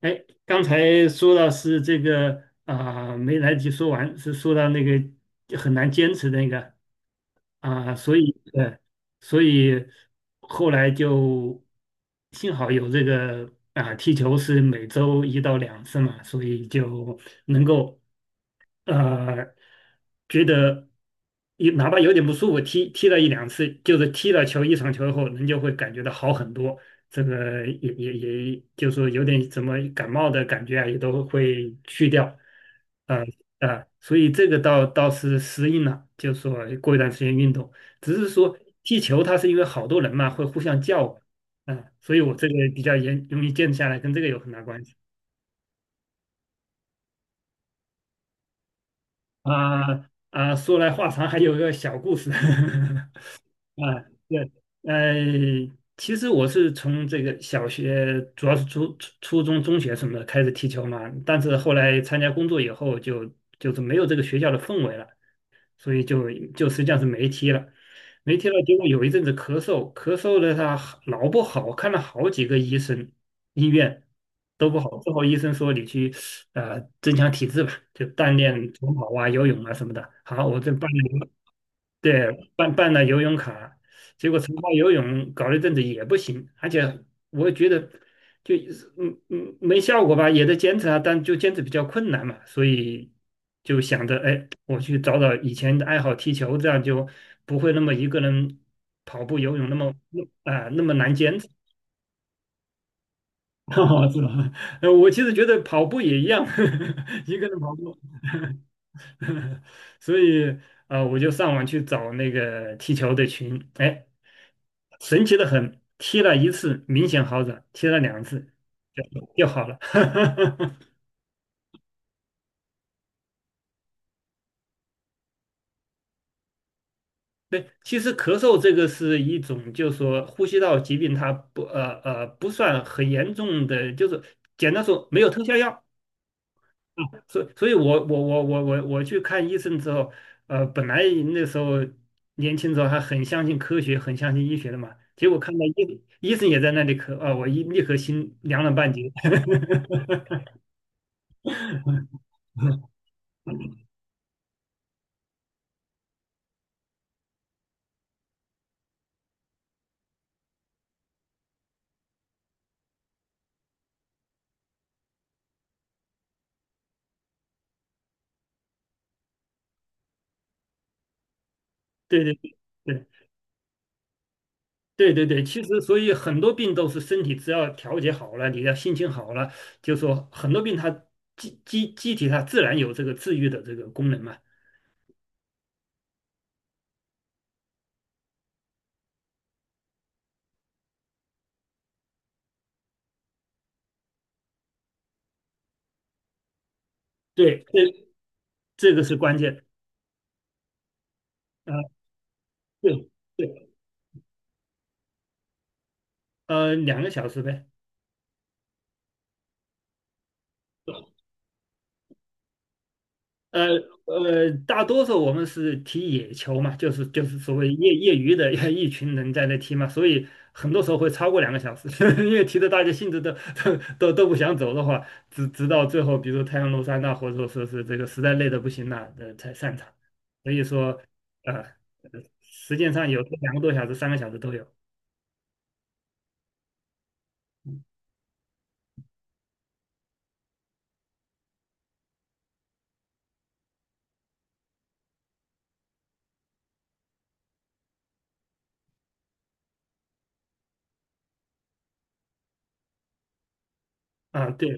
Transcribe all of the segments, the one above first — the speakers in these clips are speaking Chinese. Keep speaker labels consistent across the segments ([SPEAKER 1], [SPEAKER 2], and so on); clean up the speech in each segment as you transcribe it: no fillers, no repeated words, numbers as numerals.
[SPEAKER 1] 哎，刚才说到是这个啊、没来得及说完，是说到那个很难坚持那个啊、所以所以后来就幸好有这个啊、踢球是每周一到两次嘛，所以就能够呃，觉得有哪怕有点不舒服，踢了一两次，就是踢了球一场球后，人就会感觉到好很多。这个也，就是说有点怎么感冒的感觉啊，也都会去掉。呃所以这个倒是适应了，就是说过一段时间运动，只是说踢球它是因为好多人嘛，会互相叫唤，所以我这个比较严容易坚持下来，跟这个有很大关系。啊啊，说来话长，还有个小故事。啊，对，呃，其实我是从这个小学，主要是初中、中学什么的开始踢球嘛，但是后来参加工作以后就是没有这个学校的氛围了。所以就实际上是没踢了，没踢了。结果有一阵子咳嗽，咳嗽的他老不好，看了好几个医生、医院都不好。最后医生说你去增强体质吧，就锻炼长跑啊、游泳啊什么的。好，我这办了，对，办了游泳卡，结果长跑游泳搞了一阵子也不行，而且我觉得。就没效果吧，也在坚持啊，但就坚持比较困难嘛，所以就想着，哎，我去找找以前的爱好，踢球，这样就不会那么一个人跑步、游泳那么难坚持，哦是吧？我其实觉得跑步也一样，一个人跑步，所以我就上网去找那个踢球的群，哎，神奇的很，踢了一次明显好转，踢了两次就就好了。对，其实咳嗽这个是一种，就是说呼吸道疾病，它不算很严重的，就是简单说没有特效药，所以我去看医生之后，本来那时候年轻时候还很相信科学，很相信医学的嘛，结果看到医生也在那里咳啊，我一立刻心凉了半截。对对对，对对对，其实所以很多病都是身体只要调节好了，你的心情好了，就说很多病它机体它自然有这个治愈的这个功能嘛。对，这个是关键。啊。对对，两个小时呗。呃大多数我们是踢野球嘛，就是所谓业余的 一群人在那踢嘛，所以很多时候会超过两个小时，因为踢的大家兴致都不想走的话，直到最后，比如太阳落山呐，或者说是这个实在累的不行了，才散场。所以说，呃，时间上有时候两个多小时、三个小时都有啊。对，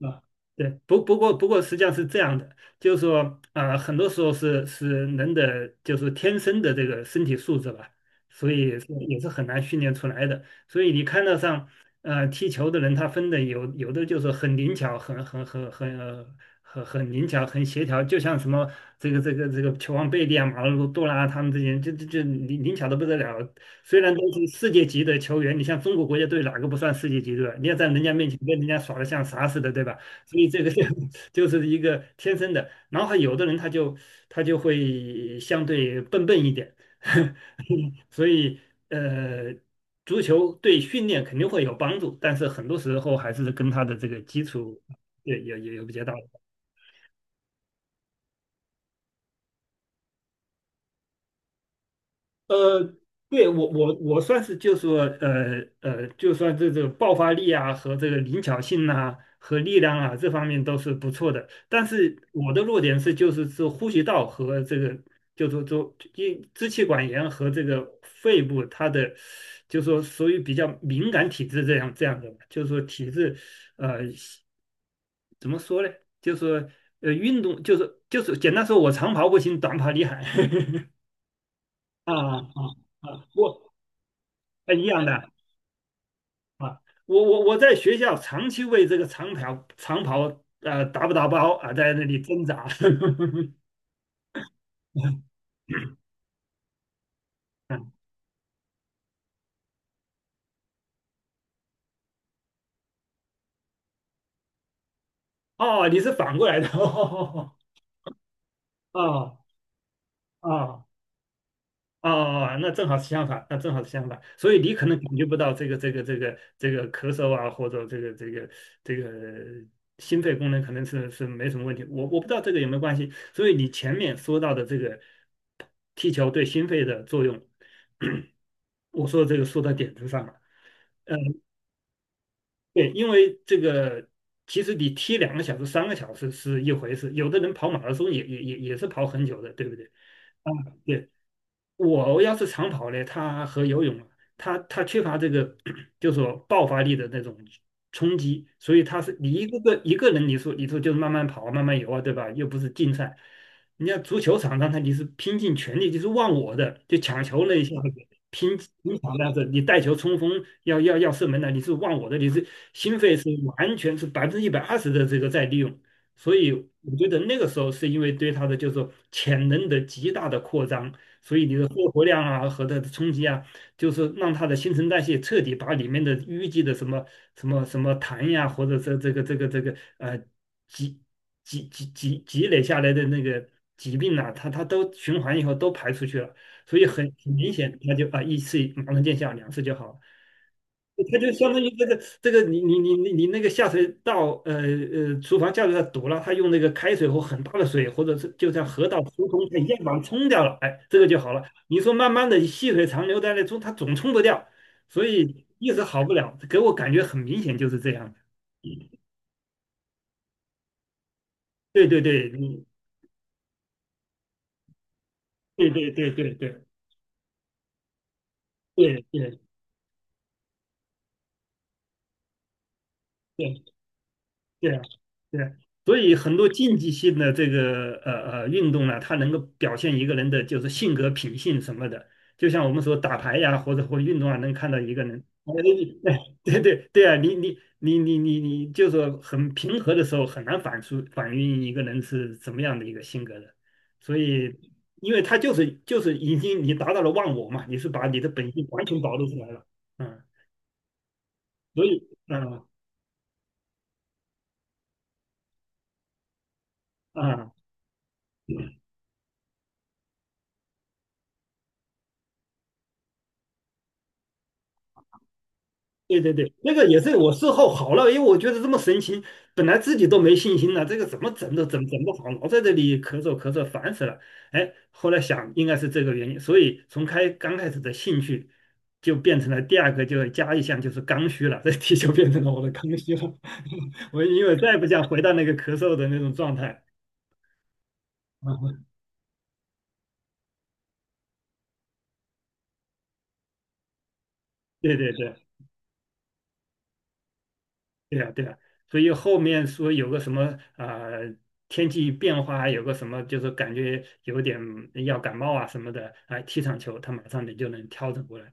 [SPEAKER 1] 啊，对，不过实际上是这样的，就是说，啊，很多时候是人的就是天生的这个身体素质吧，所以是也是很难训练出来的。所以你看到上，踢球的人他分的有的就是很灵巧，很灵巧，很协调，就像什么这个球王贝利啊、马尔多纳啊他们这些人，就灵巧的不得了，虽然都是世界级的球员，你像中国国家队哪个不算世界级对吧？你要在人家面前跟人家耍的像啥似的，对吧？所以这个就 就是一个天生的。然后还有的人他就会相对笨笨一点，所以呃，足球对训练肯定会有帮助，但是很多时候还是跟他的这个基础对有比较大。呃，对我算是就说就算这个爆发力啊和这个灵巧性啊和力量啊这方面都是不错的，但是我的弱点是就是说呼吸道和这个就说就因支气管炎和这个肺部它的就说属于比较敏感体质这样这样的，就是说体质呃怎么说呢？就说运动就是简单说我长跑不行，短跑厉害 啊啊啊，我一样的。啊，我在学校长期为这个长跑长跑打不打包啊，在那里挣扎。哦，你是反过来的，哦哦哦哦，那正好是相反，那正好是相反，所以你可能感觉不到这个咳嗽啊，或者这个心肺功能可能是没什么问题，我不知道这个有没有关系，所以你前面说到的这个踢球对心肺的作用，我说这个说到点子上了。嗯，对，因为这个其实你踢两个小时、三个小时是一回事，有的人跑马拉松也是跑很久的，对不对？啊，对，我要是长跑呢，他和游泳他缺乏这个 就是说爆发力的那种冲击，所以他是你一个人你说就是慢慢跑啊慢慢游啊，对吧？又不是竞赛，你家足球场上他你是拼尽全力，就是忘我的，就抢球那一下子拼拼抢那样子，你带球冲锋要射门的，你是忘我的，你是心肺是完全是120%的这个在利用。所以我觉得那个时候是因为对他的就是说潜能的极大的扩张，所以你的肺活量啊和它的冲击啊，就是让它的新陈代谢彻底把里面的淤积的什么痰呀，或者是这个积积累下来的那个疾病呐、它都循环以后都排出去了，所以很明显，它就一次马上见效，两次就好了。它就相当于这个你那个下水道呃呃厨房下水道堵了，他用那个开水或很大的水，或者是就像河道疏通，它一样把它冲掉了，哎，这个就好了。你说慢慢的细水长流在那冲，它总冲不掉，所以一直好不了，给我感觉很明显就是这样的。对对对，你对对对对对对对对。对啊，对啊，所以很多竞技性的这个运动呢，它能够表现一个人的就是性格、品性什么的。就像我们说打牌呀，或者运动啊，能看到一个人，哎，哎对对对啊，你你你你你你，就是很平和的时候，很难反映一个人是怎么样的一个性格的。所以，因为他就是已经你达到了忘我嘛，你是把你的本性完全暴露出来了，嗯，所以，嗯嗯。对对对，那个也是我事后好了，因为我觉得这么神奇，本来自己都没信心了，这个怎么整都整不好，老在这里咳嗽咳嗽，烦死了。哎，后来想应该是这个原因，所以从刚开始的兴趣就变成了第二个，就加一项就是刚需了，这题就变成了我的刚需了。我因为再也不想回到那个咳嗽的那种状态。对对对。对呀，对呀，所以后面说有个什么啊，天气变化，有个什么就是感觉有点要感冒啊什么的，哎，踢场球他马上你就能调整过来，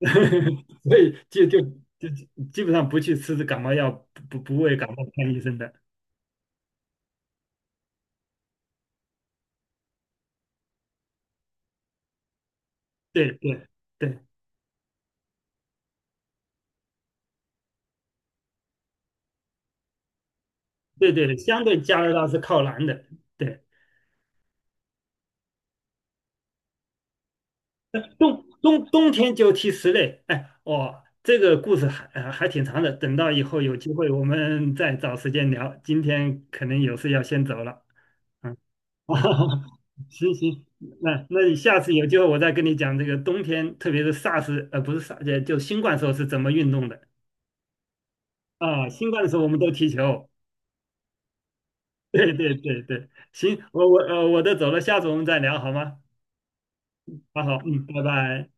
[SPEAKER 1] 所以就基本上不去吃感冒药，不为感冒看医生的。对对对对对，相对加拿大是靠南的，对冬天就踢室内，哎，哦，这个故事还还挺长的，等到以后有机会我们再找时间聊。今天可能有事要先走了，嗯，行行，那你下次有机会我再跟你讲这个冬天，特别是 SARS 不是 SARS 就新冠时候是怎么运动的啊、新冠的时候我们都踢球，对对对对，行，我都走了，下次我们再聊好吗？好好，嗯，拜拜。